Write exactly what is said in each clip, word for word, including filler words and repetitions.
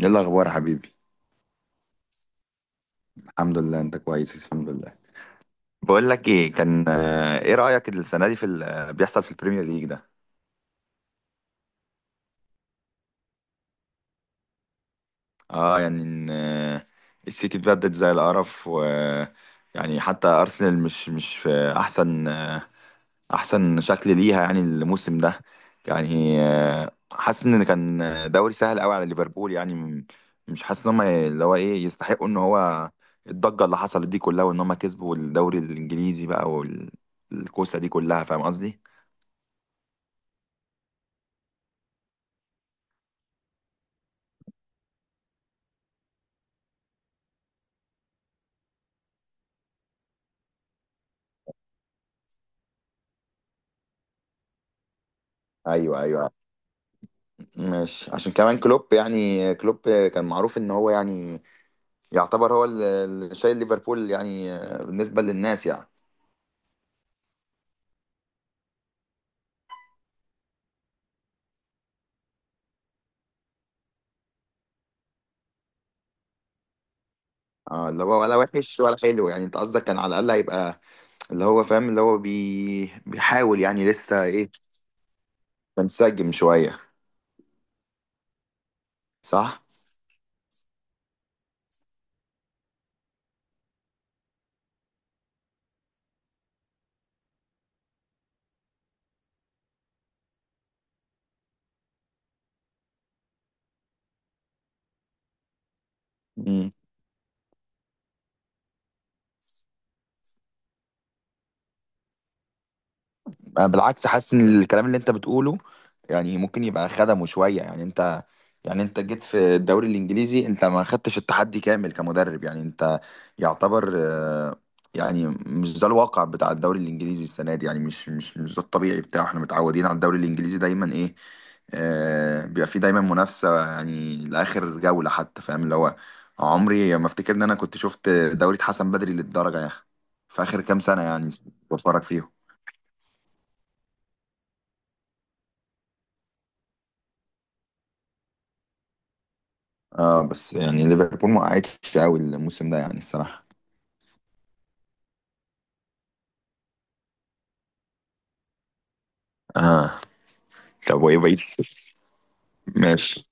ايه الاخبار يا حبيبي. الحمد لله، انت كويس، الحمد لله. بقول لك ايه، كان آه، ايه رأيك السنة دي في اللي بيحصل في البريمير ليج ده؟ اه يعني ان آه، السيتي اتبدد زي القرف، و يعني حتى ارسنال مش مش في احسن آه، احسن شكل ليها يعني الموسم ده. يعني آه، حاسس ان كان دوري سهل قوي على ليفربول يعني م- مش حاسس ان هم اللي هو ايه يستحقوا ان هو الضجه اللي حصلت دي كلها، وان هم كسبوا الدوري الانجليزي بقى والكوسه دي كلها، فاهم قصدي؟ ايوه ايوه، ماشي. عشان كمان كلوب، يعني كلوب كان معروف ان هو يعني يعتبر هو اللي اللي شايل ليفربول يعني آه، بالنسبه للناس يعني. اه اللي هو ولا وحش ولا حلو يعني، انت قصدك كان على الاقل هيبقى اللي هو فاهم اللي هو بي... بيحاول يعني لسه ايه، منسجم شوية، صح؟ مم. أنا بالعكس حاسس ان الكلام اللي انت بتقوله يعني ممكن يبقى خدمه شوية. يعني انت، يعني انت جيت في الدوري الانجليزي، انت ما خدتش التحدي كامل كمدرب. يعني انت يعتبر آه، يعني مش ده الواقع بتاع الدوري الانجليزي السنة دي يعني، مش مش مش ده الطبيعي بتاعه. احنا متعودين على الدوري الانجليزي دايما ايه، آه، بيبقى فيه دايما منافسة يعني لآخر جولة حتى، فاهم؟ اللي هو عمري ما افتكر ان انا كنت شفت دوري اتحسن بدري للدرجة يا اخي في آخر كام سنة يعني بتفرج فيهم. اه، بس يعني ليفربول ما وقعتش قوي الموسم ده يعني الصراحة. اه. طب وايه بقيت؟ ماشي.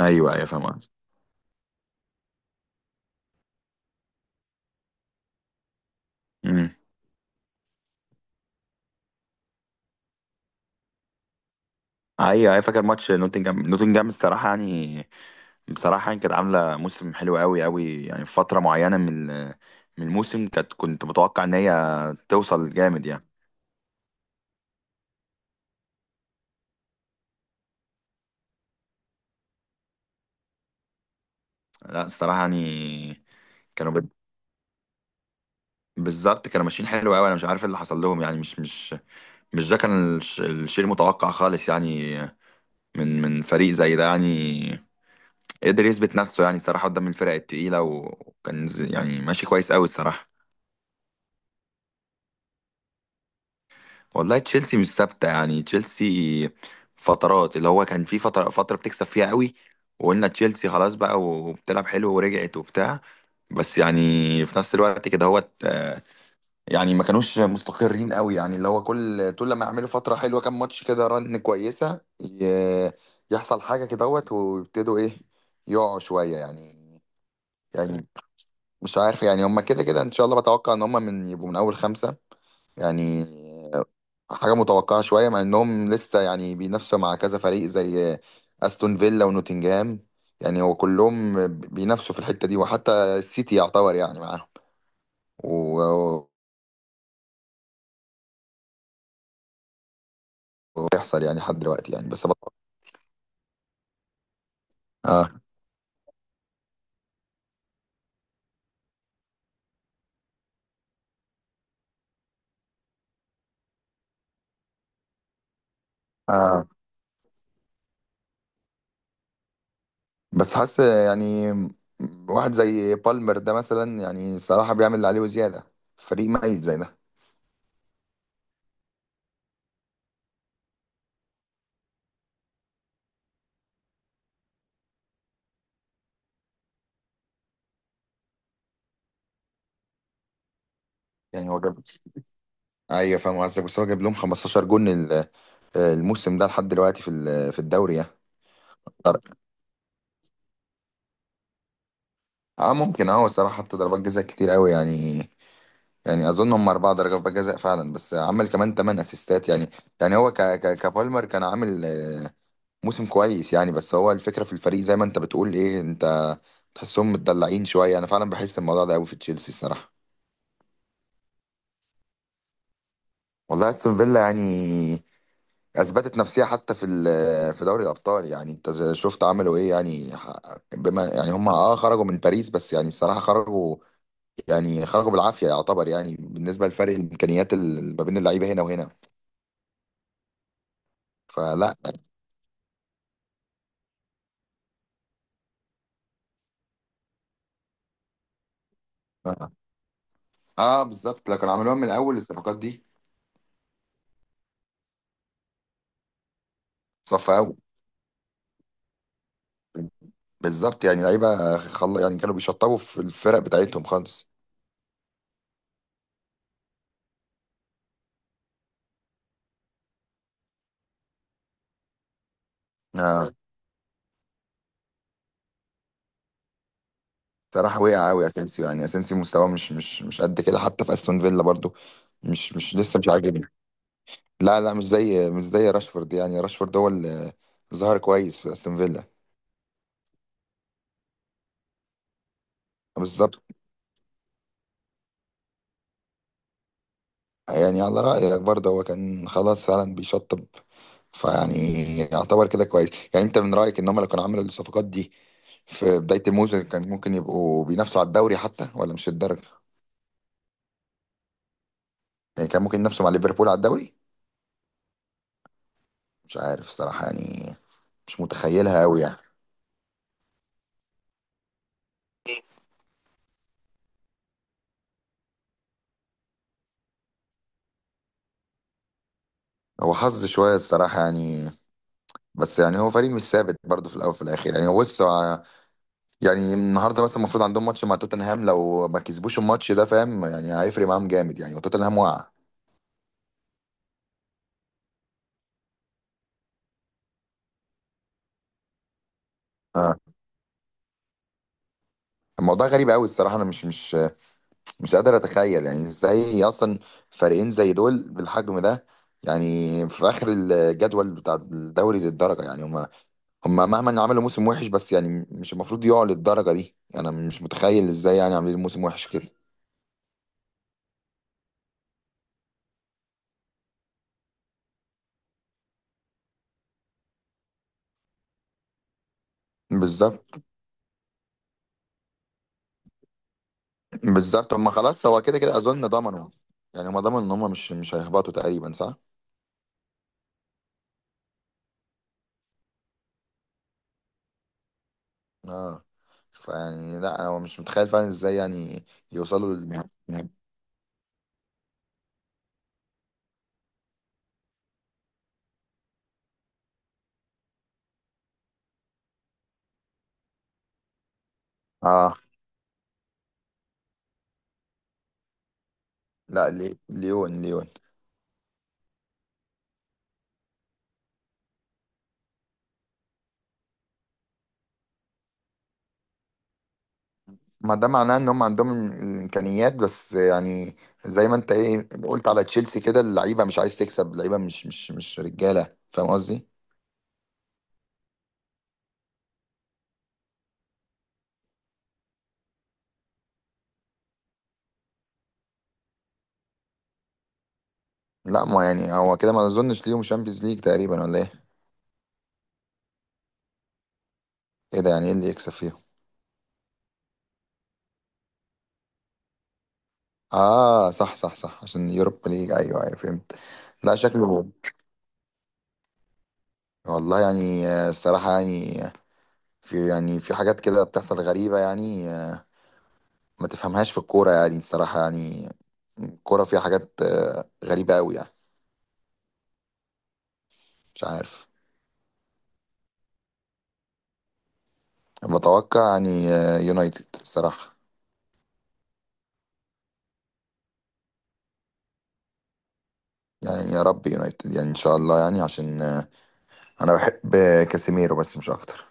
ايوه ايوه، فاهم قصدك. امم. ايوه ايوه، فاكر ماتش نوتنجهام نوتنجهام الصراحه يعني، بصراحه يعني كانت عامله موسم حلو قوي قوي يعني. في فتره معينه من ال- من الموسم، كانت كنت متوقع ان هي توصل جامد يعني. لا الصراحه يعني، كانوا بت- بالظبط كانوا ماشيين حلو قوي، انا مش عارف إيه اللي حصل لهم يعني مش مش مش ده كان الش- الشيء المتوقع خالص يعني، من من فريق زي ده يعني قدر يثبت نفسه يعني صراحة قدام الفرق التقيلة، وكان ز- يعني ماشي كويس قوي الصراحة. والله تشيلسي مش ثابتة يعني. تشيلسي فترات، اللي هو كان في فترة فترة بتكسب فيها قوي وقلنا تشيلسي خلاص بقى وبتلعب حلو ورجعت وبتاع، بس يعني في نفس الوقت كده هو يعني ما كانوش مستقرين قوي يعني. اللي هو كل طول لما يعملوا فترة حلوة كام ماتش كده رن كويسة، ي- يحصل حاجة كده ويبتدوا ايه، يقعوا شوية يعني. يعني مش عارف يعني، هما كده كده ان شاء الله بتوقع ان هما من يبقوا من اول خمسة يعني. حاجة متوقعة شوية مع انهم لسه يعني بينافسوا مع كذا فريق زي استون فيلا ونوتنجهام يعني. هو كلهم بينافسوا في الحتة دي، وحتى السيتي يعتبر يعني معاهم، و- ويحصل يعني لحد دلوقتي يعني، بس بط... آه. آه. بس حاسس يعني واحد زي بالمر ده مثلا، يعني صراحة بيعمل اللي عليه وزيادة، فريق ميت زي ده يعني. هو ايوه فاهم قصدك، بس هو جاب لهم 15 جون ال- آه، الموسم ده لحد دلوقتي في ال- في الدوري يعني. اه ممكن، اه الصراحه حط ضربات جزاء كتير قوي يعني. يعني اظن هم اربع ضربات جزاء فعلا، بس عمل كمان ثمان اسيستات يعني. يعني هو ك ك كبالمر كان عامل آه، موسم كويس يعني. بس هو الفكره في الفريق زي ما انت بتقول، ايه انت تحسهم متدلعين شويه. انا فعلا بحس الموضوع ده قوي في تشيلسي الصراحه. والله استون فيلا يعني اثبتت نفسها حتى في ال- في دوري الابطال يعني. انت ز- شفت عملوا ايه يعني، ح- بما يعني هم اه خرجوا من باريس، بس يعني الصراحه خرجوا يعني خرجوا بالعافيه يعتبر يعني بالنسبه لفرق الامكانيات ال- ما بين اللعيبه هنا وهنا. فلا يعني اه بالظبط، لكن عملوها من الاول الصفقات دي. صفى قوي، بالظبط يعني. لعيبه خل... يعني كانوا بيشطبوا في الفرق بتاعتهم خالص. اه صراحه وقع قوي اسينسيو يعني، اسينسيو مستواه مش مش مش قد كده حتى في استون فيلا برضو. مش مش لسه مش عاجبني. لا لا، مش زي، مش زي راشفورد. يعني راشفورد هو اللي ظهر كويس في استون فيلا. بالظبط يعني، على رأيك برضه هو كان خلاص فعلا بيشطب، فيعني يعتبر كده كويس. يعني انت من رأيك ان هم لو كانوا عملوا الصفقات دي في بداية الموسم كان ممكن يبقوا بينافسوا على الدوري حتى ولا مش الدرجة؟ يعني كان ممكن ينافسوا مع ليفربول على الدوري؟ مش عارف الصراحة يعني، مش متخيلها قوي يعني. هو حظ شوية الصراحة يعني، بس يعني هو فريق مش ثابت برضه في الأول وفي الآخر. يعني هو بص، يعني النهارده مثلا المفروض عندهم ماتش مع توتنهام، لو ما كسبوش الماتش ده فاهم يعني هيفرق معاهم جامد يعني، وتوتنهام وقع. اه. الموضوع غريب قوي الصراحه، انا مش مش مش قادر اتخيل يعني ازاي اصلا فريقين زي دول بالحجم ده يعني في اخر الجدول بتاع الدوري للدرجه يعني. هم هم مهما عملوا موسم وحش بس يعني مش المفروض يقعوا للدرجه دي. انا مش متخيل ازاي يعني عاملين موسم وحش كده. بالظبط بالظبط، هم خلاص هو كده كده اظن ضمنوا. يعني هم ضمنوا ان هم مش مش هيهبطوا تقريبا، صح؟ اه. فيعني لا هو مش متخيل فعلا ازاي يعني يوصلوا لل... اه. لا، لي- ليون ليون. ما ده معناه ان هم عندهم الامكانيات، بس يعني زي ما انت ايه قلت على تشيلسي كده، اللعيبه مش عايز تكسب، اللعيبه مش مش مش رجاله، فاهم قصدي؟ لا ما يعني، هو كده ما اظنش ليهم شامبيونز ليج تقريبا، ولا ايه؟ ايه ده يعني، ايه اللي يكسب فيهم؟ اه صح صح صح، عشان يوروبا ليج، ايوه ايوه فهمت. لا شكله. والله يعني آه، الصراحه يعني في يعني في حاجات كده بتحصل غريبة يعني آه، ما تفهمهاش في الكورة يعني الصراحة يعني. الكورة فيها حاجات آه، غريبة أوي يعني. مش عارف. بتوقع يعني آه، يونايتد الصراحة. يعني يا رب يونايتد يعني إن شاء الله يعني، عشان آه، أنا بحب كاسيميرو، بس مش أكتر.